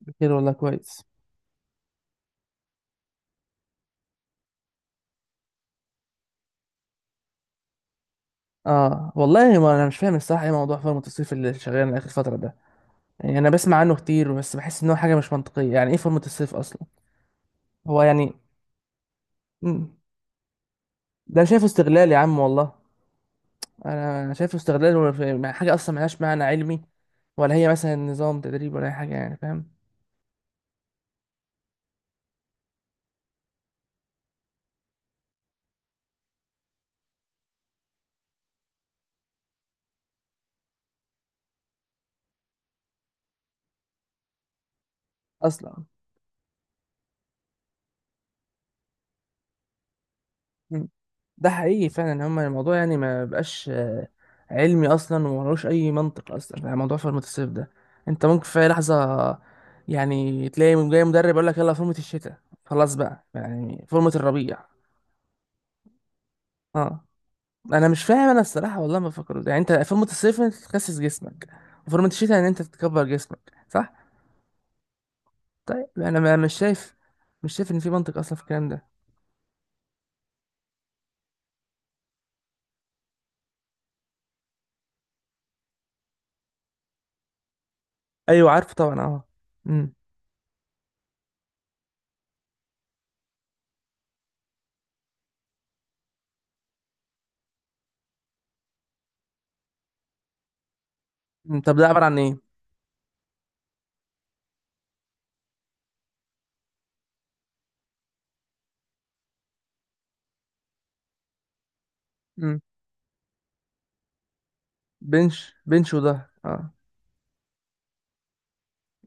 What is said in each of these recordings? بخير والله كويس. اه والله، ما انا مش فاهم الصراحه ايه موضوع فورمه الصيف اللي شغال اخر فتره ده. يعني انا بسمع عنه كتير بس بحس ان هو حاجه مش منطقيه، يعني ايه فورمه الصيف اصلا. هو يعني مم. ده أنا شايفه استغلال يا عم والله. انا شايفه استغلال، حاجه اصلا ملهاش معنى علمي، ولا هي مثلا نظام تدريب ولا اي حاجه، يعني فاهم اصلا. ده حقيقي فعلا، هما الموضوع يعني ما بقاش علمي اصلا وملوش اي منطق اصلا، يعني موضوع فورمة الصيف ده انت ممكن في أي لحظة يعني تلاقي جاي مدرب يقول لك يلا فورمة الشتاء، خلاص بقى، يعني فورمة الربيع. اه انا مش فاهم انا الصراحة والله، ما بفكر يعني انت فورمة الصيف انت تخسس جسمك، وفورمة الشتاء ان انت تكبر جسمك صح. طيب انا مش شايف، مش شايف ان في منطق اصلا في الكلام ده. ايوه عارفه طبعا، اه. امم. إمم، طب ده عبارة عن ايه. امم. بنش وده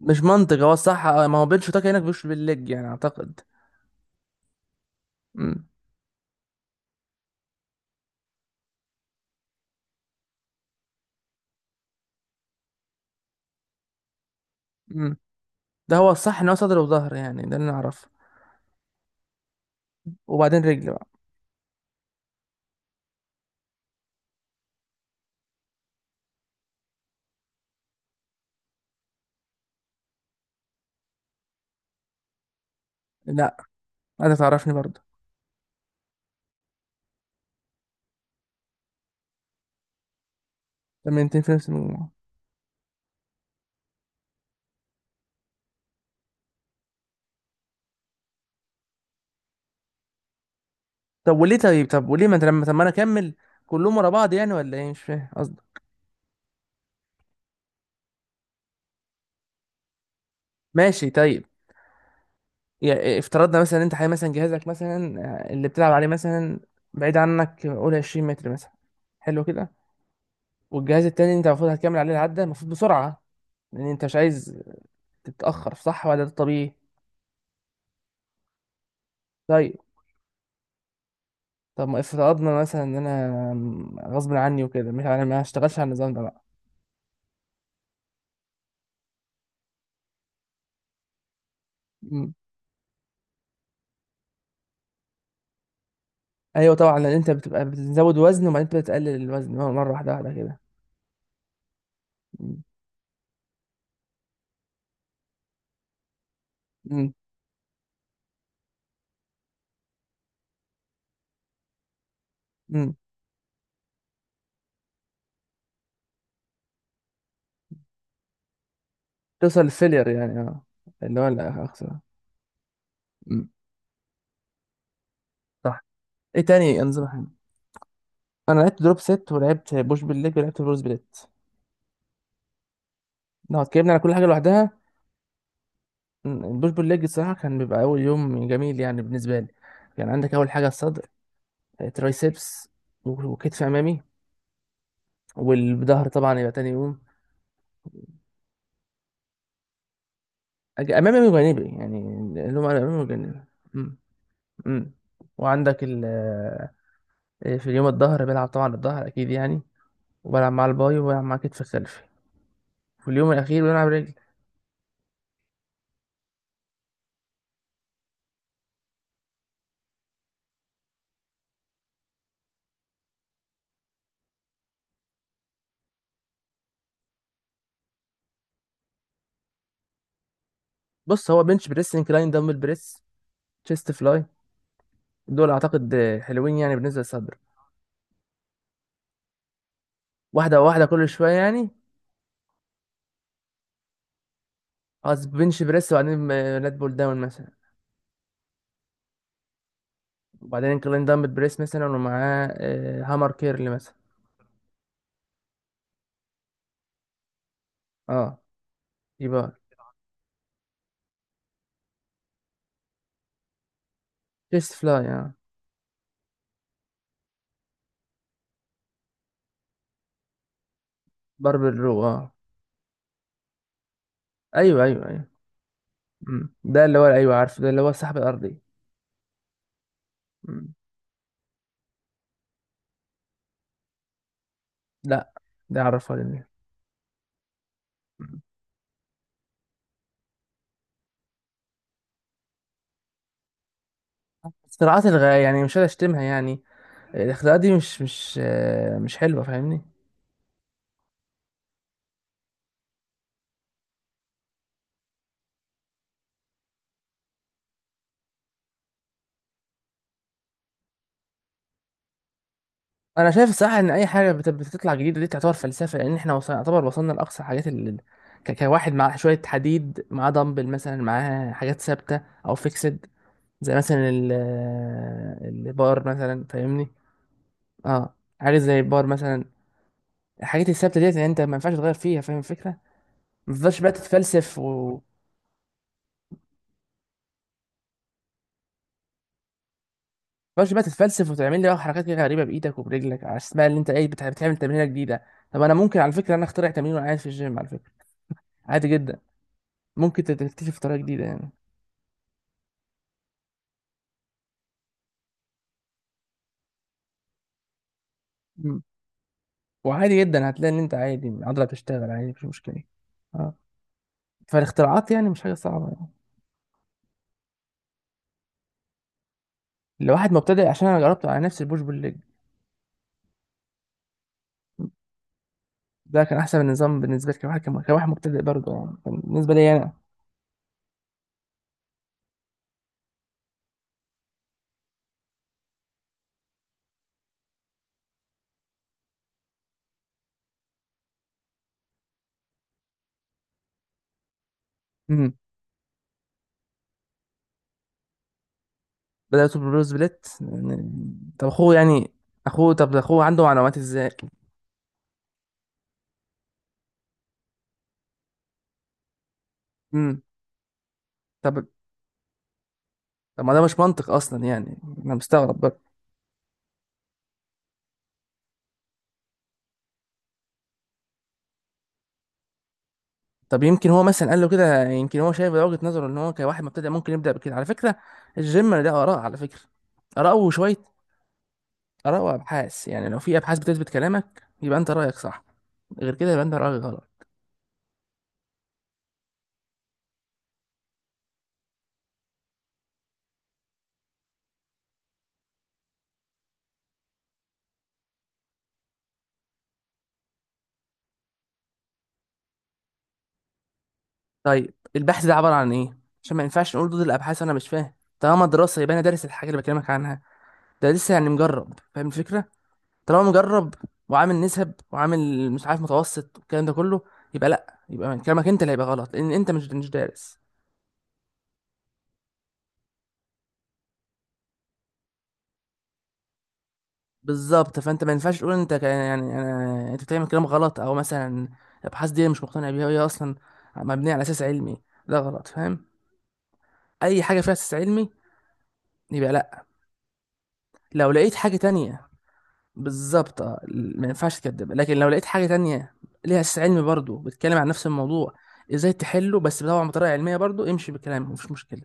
مش منطق، هو الصح ما هو بين شوتات هناك مش بالليج يعني اعتقد. امم. امم، ده هو الصح ان هو صدر وظهر، يعني ده اللي انا اعرفه. وبعدين رجل بقى. لا انا تعرفني برضه. تمرينتين في نفس المجموعه. طب وليه ما انت لما، طب ما انا اكمل. كلهم ورا بعض يعني ولا ايه، مش فاهم قصدك. ماشي، طيب. يعني افترضنا مثلا، انت حي مثلا جهازك مثلا اللي بتلعب عليه مثلا بعيد عنك قول 20 متر مثلا، حلو كده. والجهاز التاني انت المفروض هتكمل عليه العده المفروض بسرعه، لان انت مش عايز تتاخر، صح ولا ده طبيعي. طيب، طب ما افترضنا مثلا ان انا غصب عني وكده، مش انا ما هشتغلش على النظام ده بقى. مم. ايوه طبعا، لان انت بتبقى بتزود وزن وبعدين انت بتقلل الوزن مره واحده واحده كده. مم. مم. مم. توصل للفيلير يعني، اه. اللي هو الاخر. مم. صح. ايه تاني انظمه حلوه. انا لعبت دروب ست ولعبت بوش بالليج ولعبت بروز بليت. لو اتكلمنا على كل حاجه لوحدها، البوش بالليج الصراحه كان بيبقى اول يوم جميل يعني بالنسبه لي. يعني عندك اول حاجه الصدر، ترايسبس، وكتف امامي، والظهر طبعا يبقى تاني يوم. امامي وجانبي يعني، اللي هم امامي وجانبي. امم. امم. وعندك ال في اليوم الظهر بلعب طبعا الظهر اكيد يعني، وبلعب مع الباي وبلعب مع كتف الخلفي. في اليوم الاخير بلعب رجل. بص، هو بنش بريس، انكلاين دمبل بريس، تشيست فلاي، دول اعتقد حلوين يعني بالنسبه للصدر. واحده واحده كل شويه يعني. خلاص بنش بريس وبعدين لات بول داون مثلا، وبعدين انكلاين دمبل بريس مثلا ومعاه هامر كيرل مثلا. اه، يبقى تشيست فلاي اه. باربل رو اه. ايوه ايوه ايوه. مم. ده اللي هو، ايوه عارفه، ده اللي هو السحب الارضي. مم. لا. ده عرفها لي. مم. اختراعات الغاية يعني، مش قادر اشتمها يعني. الاختراعات دي مش مش حلوه، فاهمني. انا شايف الصراحه ان اي حاجه بتطلع جديده دي تعتبر فلسفه، لان احنا وصلنا يعتبر وصلنا لاقصى حاجات اللي كواحد مع شويه حديد معاه دمبل مثلا معاه حاجات ثابته او فيكسد، زي مثلا البار مثلا، فاهمني. اه، حاجه زي البار مثلا، الحاجات الثابته ديت يعني انت ما ينفعش تغير فيها، فاهم الفكره. ما تفضلش بقى تتفلسف و ما تفضلش بقى تتفلسف وتعمل لي بقى حركات كده غريبه بايدك وبرجلك على اسمها اللي انت ايه بتعمل تمرينه جديده. طب انا ممكن على فكره انا اخترع تمرين وانا قاعد في الجيم على فكره، عادي جدا. ممكن تكتشف طريقه جديده يعني. مم. وعادي جدا هتلاقي ان انت عادي العضله بتشتغل عادي مفيش مشكله. اه. فالاختراعات يعني مش حاجه صعبه يعني. لواحد مبتدئ، عشان انا جربته على نفسي البوش بول ليج. ده كان احسن نظام بالنسبه لي كواحد كواحد مبتدئ برضه، يعني كان بالنسبه لي انا. مم. بدأت ببروز بليت يعني. طب اخوه يعني، اخوه طب اخوه عنده معلومات ازاي. امم. طب، طب ما ده مش منطق اصلا يعني، انا مستغرب برضه. طب يمكن هو مثلا قال له كده، يمكن هو شايف وجهة نظره ان هو كواحد مبتدئ ممكن يبدأ بكده على فكرة. الجيم ده آراء على فكرة، آراء وشوية، آراء وأبحاث. يعني لو في أبحاث بتثبت كلامك يبقى أنت رأيك صح، غير كده يبقى أنت رأيك غلط. طيب البحث ده عبارة عن إيه، عشان ما ينفعش نقول ضد الأبحاث، أنا مش فاهم. طالما دراسة يبقى أنا دارس الحاجة اللي بكلمك عنها، ده لسه يعني مجرب، فاهم الفكرة. طالما مجرب وعامل نسب وعامل مش عارف متوسط والكلام ده كله، يبقى لا، يبقى كلامك انت اللي هيبقى غلط لان انت مش دارس. بالظبط، فانت ما ينفعش تقول انت يعني انت بتعمل كلام غلط، او مثلا الابحاث دي مش مقتنع بيها وهي اصلا مبنيه على اساس علمي، ده غلط فاهم. اي حاجه فيها اساس علمي يبقى لا، لو لقيت حاجه تانية. بالظبط ما ينفعش تكذب، لكن لو لقيت حاجه تانية ليها اساس علمي برضه بتتكلم عن نفس الموضوع ازاي تحله، بس طبعا بطريقه علميه برضه، امشي بكلامه مفيش مشكله.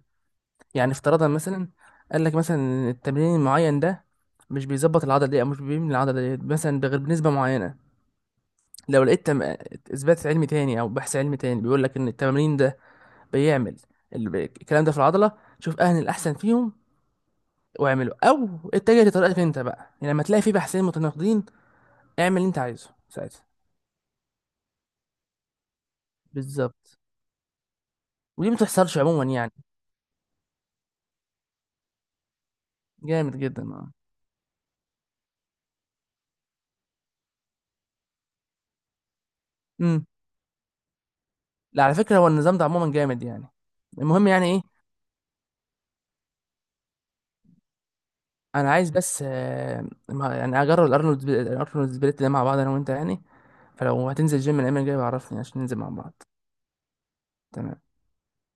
يعني افتراضا مثلا قال لك مثلا إن التمرين المعين ده مش بيظبط العضله دي، او مش بيبني العضله دي مثلا بغير بنسبه معينه، لو لقيت اثبات علمي تاني او بحث علمي تاني بيقول لك ان التمرين ده بيعمل الكلام ده في العضله، شوف اهل الاحسن فيهم واعمله، او اتجه لطريقتك انت بقى. يعني لما تلاقي في بحثين متناقضين اعمل اللي انت عايزه ساعتها. بالظبط. ودي ما بتحصلش عموما يعني. جامد جدا اه. امم. لا على فكره هو النظام ده عموما جامد يعني. المهم يعني ايه، انا عايز بس يعني اجرب الارنولد، الارنولد سبليت ده مع بعض انا وانت يعني. فلو هتنزل جيم الايام الجايه بعرفني عشان ننزل مع بعض. تمام.